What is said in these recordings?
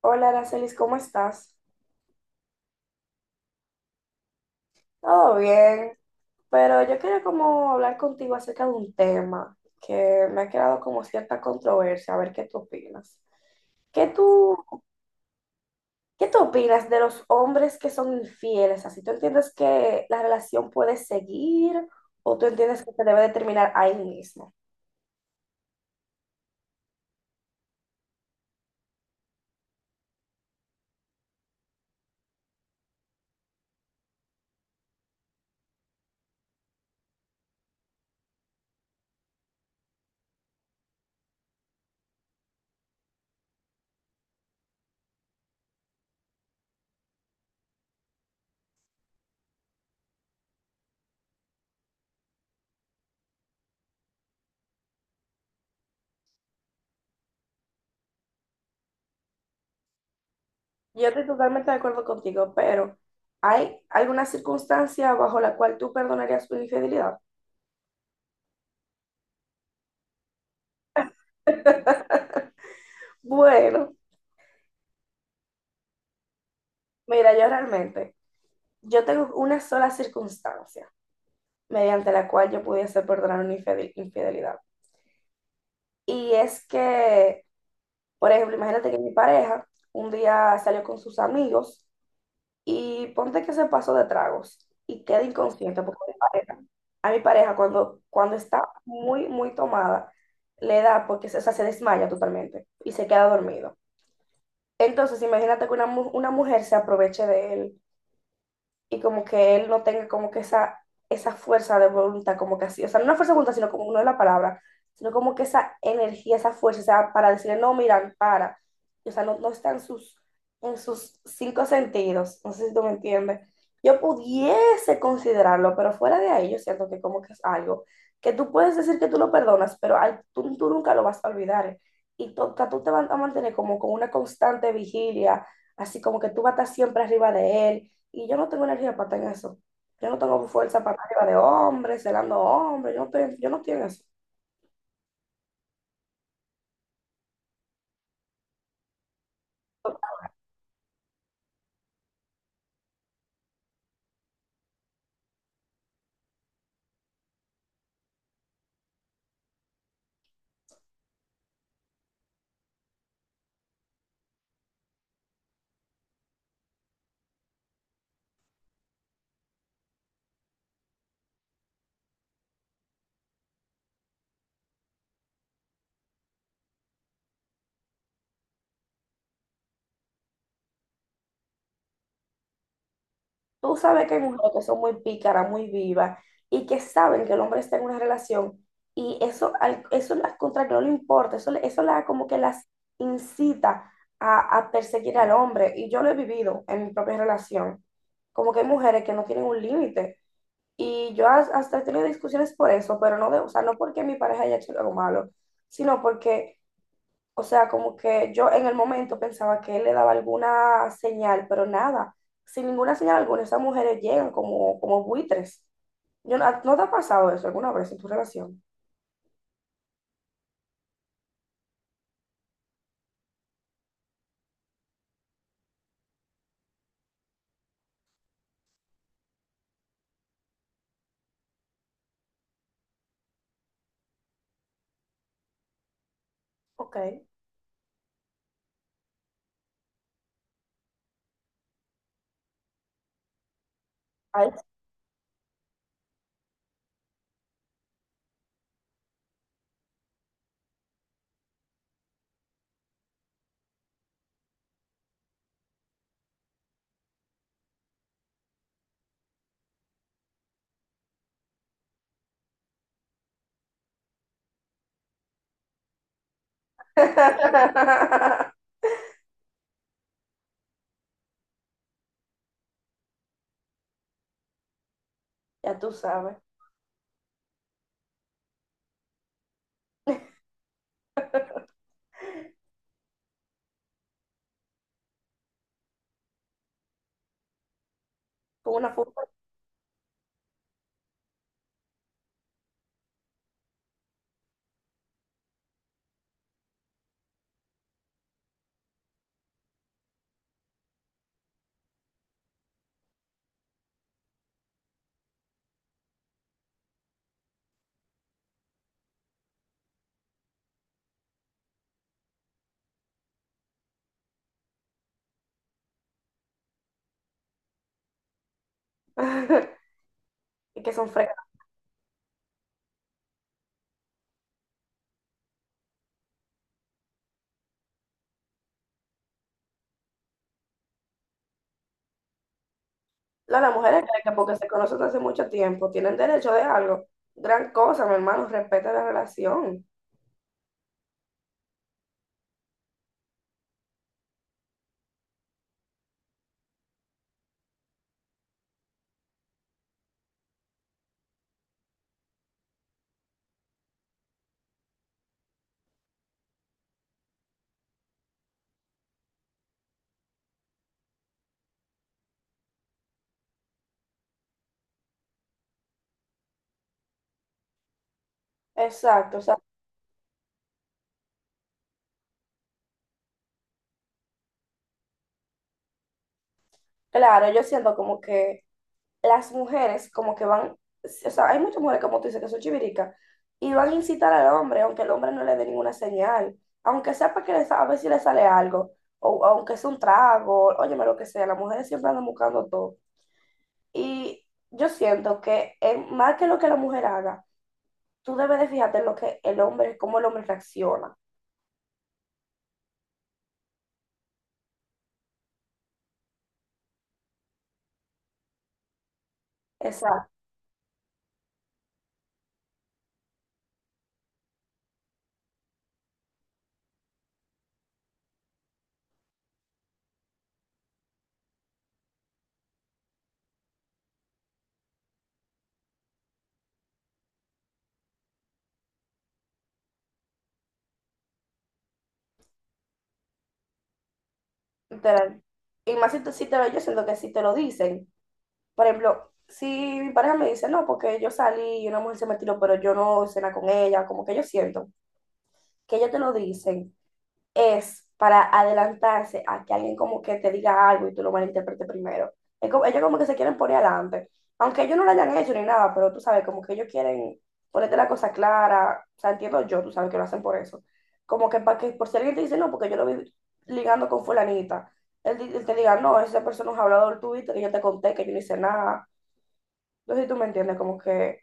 Hola, Aracelis, ¿cómo estás? Todo bien, pero yo quería como hablar contigo acerca de un tema que me ha creado como cierta controversia, a ver qué tú opinas. ¿Qué tú, ¿qué tú opinas de los hombres que son infieles? Así, ¿tú entiendes que la relación puede seguir o tú entiendes que se debe de terminar ahí mismo? Yo estoy totalmente de acuerdo contigo, pero ¿hay alguna circunstancia bajo la cual tú perdonarías tu infidelidad? Bueno, mira, yo realmente... yo tengo una sola circunstancia mediante la cual yo pudiese perdonar una infidelidad. Y es que, por ejemplo, imagínate que mi pareja un día salió con sus amigos y ponte que se pasó de tragos y queda inconsciente porque mi pareja, a mi pareja cuando está muy, muy tomada, le da porque se, o sea, se desmaya totalmente y se queda dormido. Entonces, imagínate que una mujer se aproveche de él y como que él no tenga como que esa fuerza de voluntad, como que así, o sea, no una fuerza de voluntad, sino como no es la palabra, sino como que esa energía, esa fuerza, o sea, para decirle, no, mira, para, o sea, no, no está en sus cinco sentidos, no sé si tú me entiendes. Yo pudiese considerarlo, pero fuera de ahí yo siento que como que es algo que tú puedes decir que tú lo perdonas, pero tú nunca lo vas a olvidar. Y tú te vas a mantener como con una constante vigilia, así como que tú vas a estar siempre arriba de él y yo no tengo energía para estar en eso. Yo no tengo fuerza para estar arriba de hombres, celando hombres. Yo no estoy en eso. Tú sabes que hay mujeres que son muy pícaras, muy vivas y que saben que el hombre está en una relación y eso, al- eso las contra que no le importa, eso, le- eso la, como que las incita a perseguir al hombre. Y yo lo he vivido en mi propia relación. Como que hay mujeres que no tienen un límite. Y yo hasta he tenido discusiones por eso, pero no de, o sea, no porque mi pareja haya hecho algo malo, sino porque, o sea, como que yo en el momento pensaba que él le daba alguna señal, pero nada, sin ninguna señal alguna, esas mujeres llegan como, como buitres. Yo, no, ¿no te ha pasado eso alguna vez en tu relación? Ok. Ay. Ya tú sabes, con una fuga y que son fregadas. Las mujeres creen que porque se conocen desde hace mucho tiempo, tienen derecho de algo. Gran cosa, mi hermano, respeta la relación. Exacto, o sea, claro, yo siento como que las mujeres como que van, o sea, hay muchas mujeres como tú dices que son chiviricas y van a incitar al hombre, aunque el hombre no le dé ninguna señal, aunque sepa que le a ver si le sale algo, o aunque sea un trago, óyeme lo que sea, las mujeres siempre andan buscando todo. Y yo siento que más que lo que la mujer haga, tú debes de fijarte en lo que el hombre, cómo el hombre reacciona. Exacto. Literal. Y más si te lo, yo siento que si te lo dicen. Por ejemplo, si mi pareja me dice, no, porque yo salí y una mujer se me tiró, pero yo no cena con ella, como que yo siento que ellos te lo dicen, es para adelantarse a que alguien como que te diga algo y tú lo malinterpretes primero. Es como- ellos como que se quieren poner adelante, aunque ellos no lo hayan hecho ni nada, pero tú sabes, como que ellos quieren ponerte la cosa clara, o sea, entiendo yo, tú sabes que lo hacen por eso. Como que para que, por si alguien te dice, no, porque yo lo vi ligando con fulanita, él te diga, no, esa persona es un hablador tuyo, que yo te conté, que yo no hice nada, no sé si tú me entiendes, como que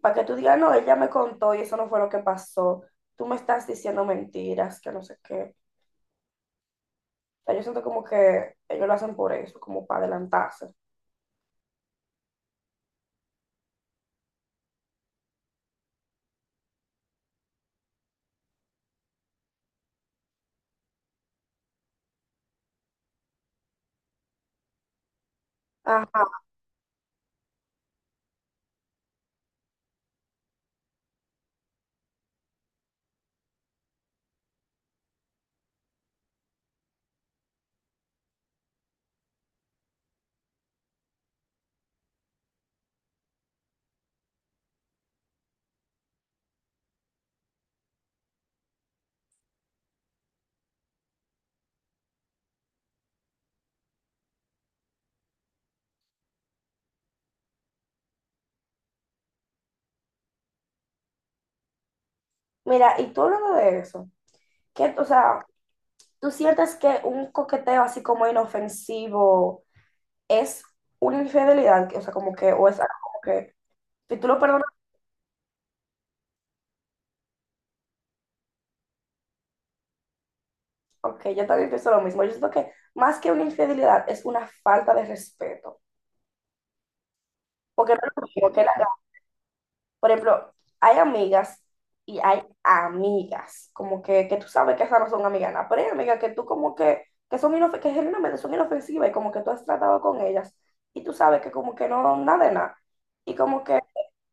para que tú digas, no, ella me contó y eso no fue lo que pasó. Tú me estás diciendo mentiras, que no sé qué. O sea, yo siento como que ellos lo hacen por eso, como para adelantarse. Ajá. Mira, y tú hablando de eso, qué o sea, ¿tú sientes que un coqueteo así como inofensivo es una infidelidad? Que, o sea, como que, o es algo como que, si tú lo perdonas, ok, yo también pienso lo mismo. Yo siento que más que una infidelidad es una falta de respeto. Porque no es lo mismo que la, por ejemplo, hay amigas y hay amigas, como que tú sabes que esas no son amigas, nada, pero hay amigas que tú como que son que genuinamente son inofensivas y como que tú has tratado con ellas y tú sabes que como que no, nada de nada. Y como que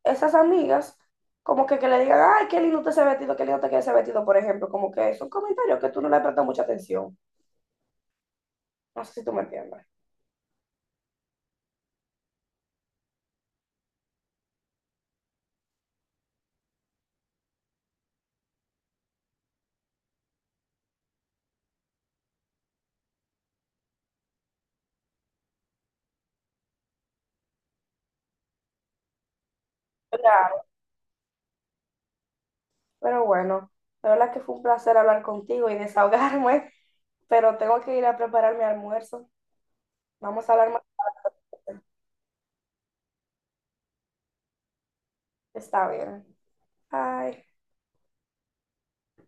esas amigas, como que le digan, ay, qué lindo te ese vestido, qué lindo te queda ese vestido, por ejemplo, como que son comentarios que tú no le prestas mucha atención. No sé si tú me entiendes. Claro, pero bueno, la verdad que fue un placer hablar contigo y desahogarme, pero tengo que ir a preparar mi almuerzo. Vamos a hablar más. Está bien. Bye.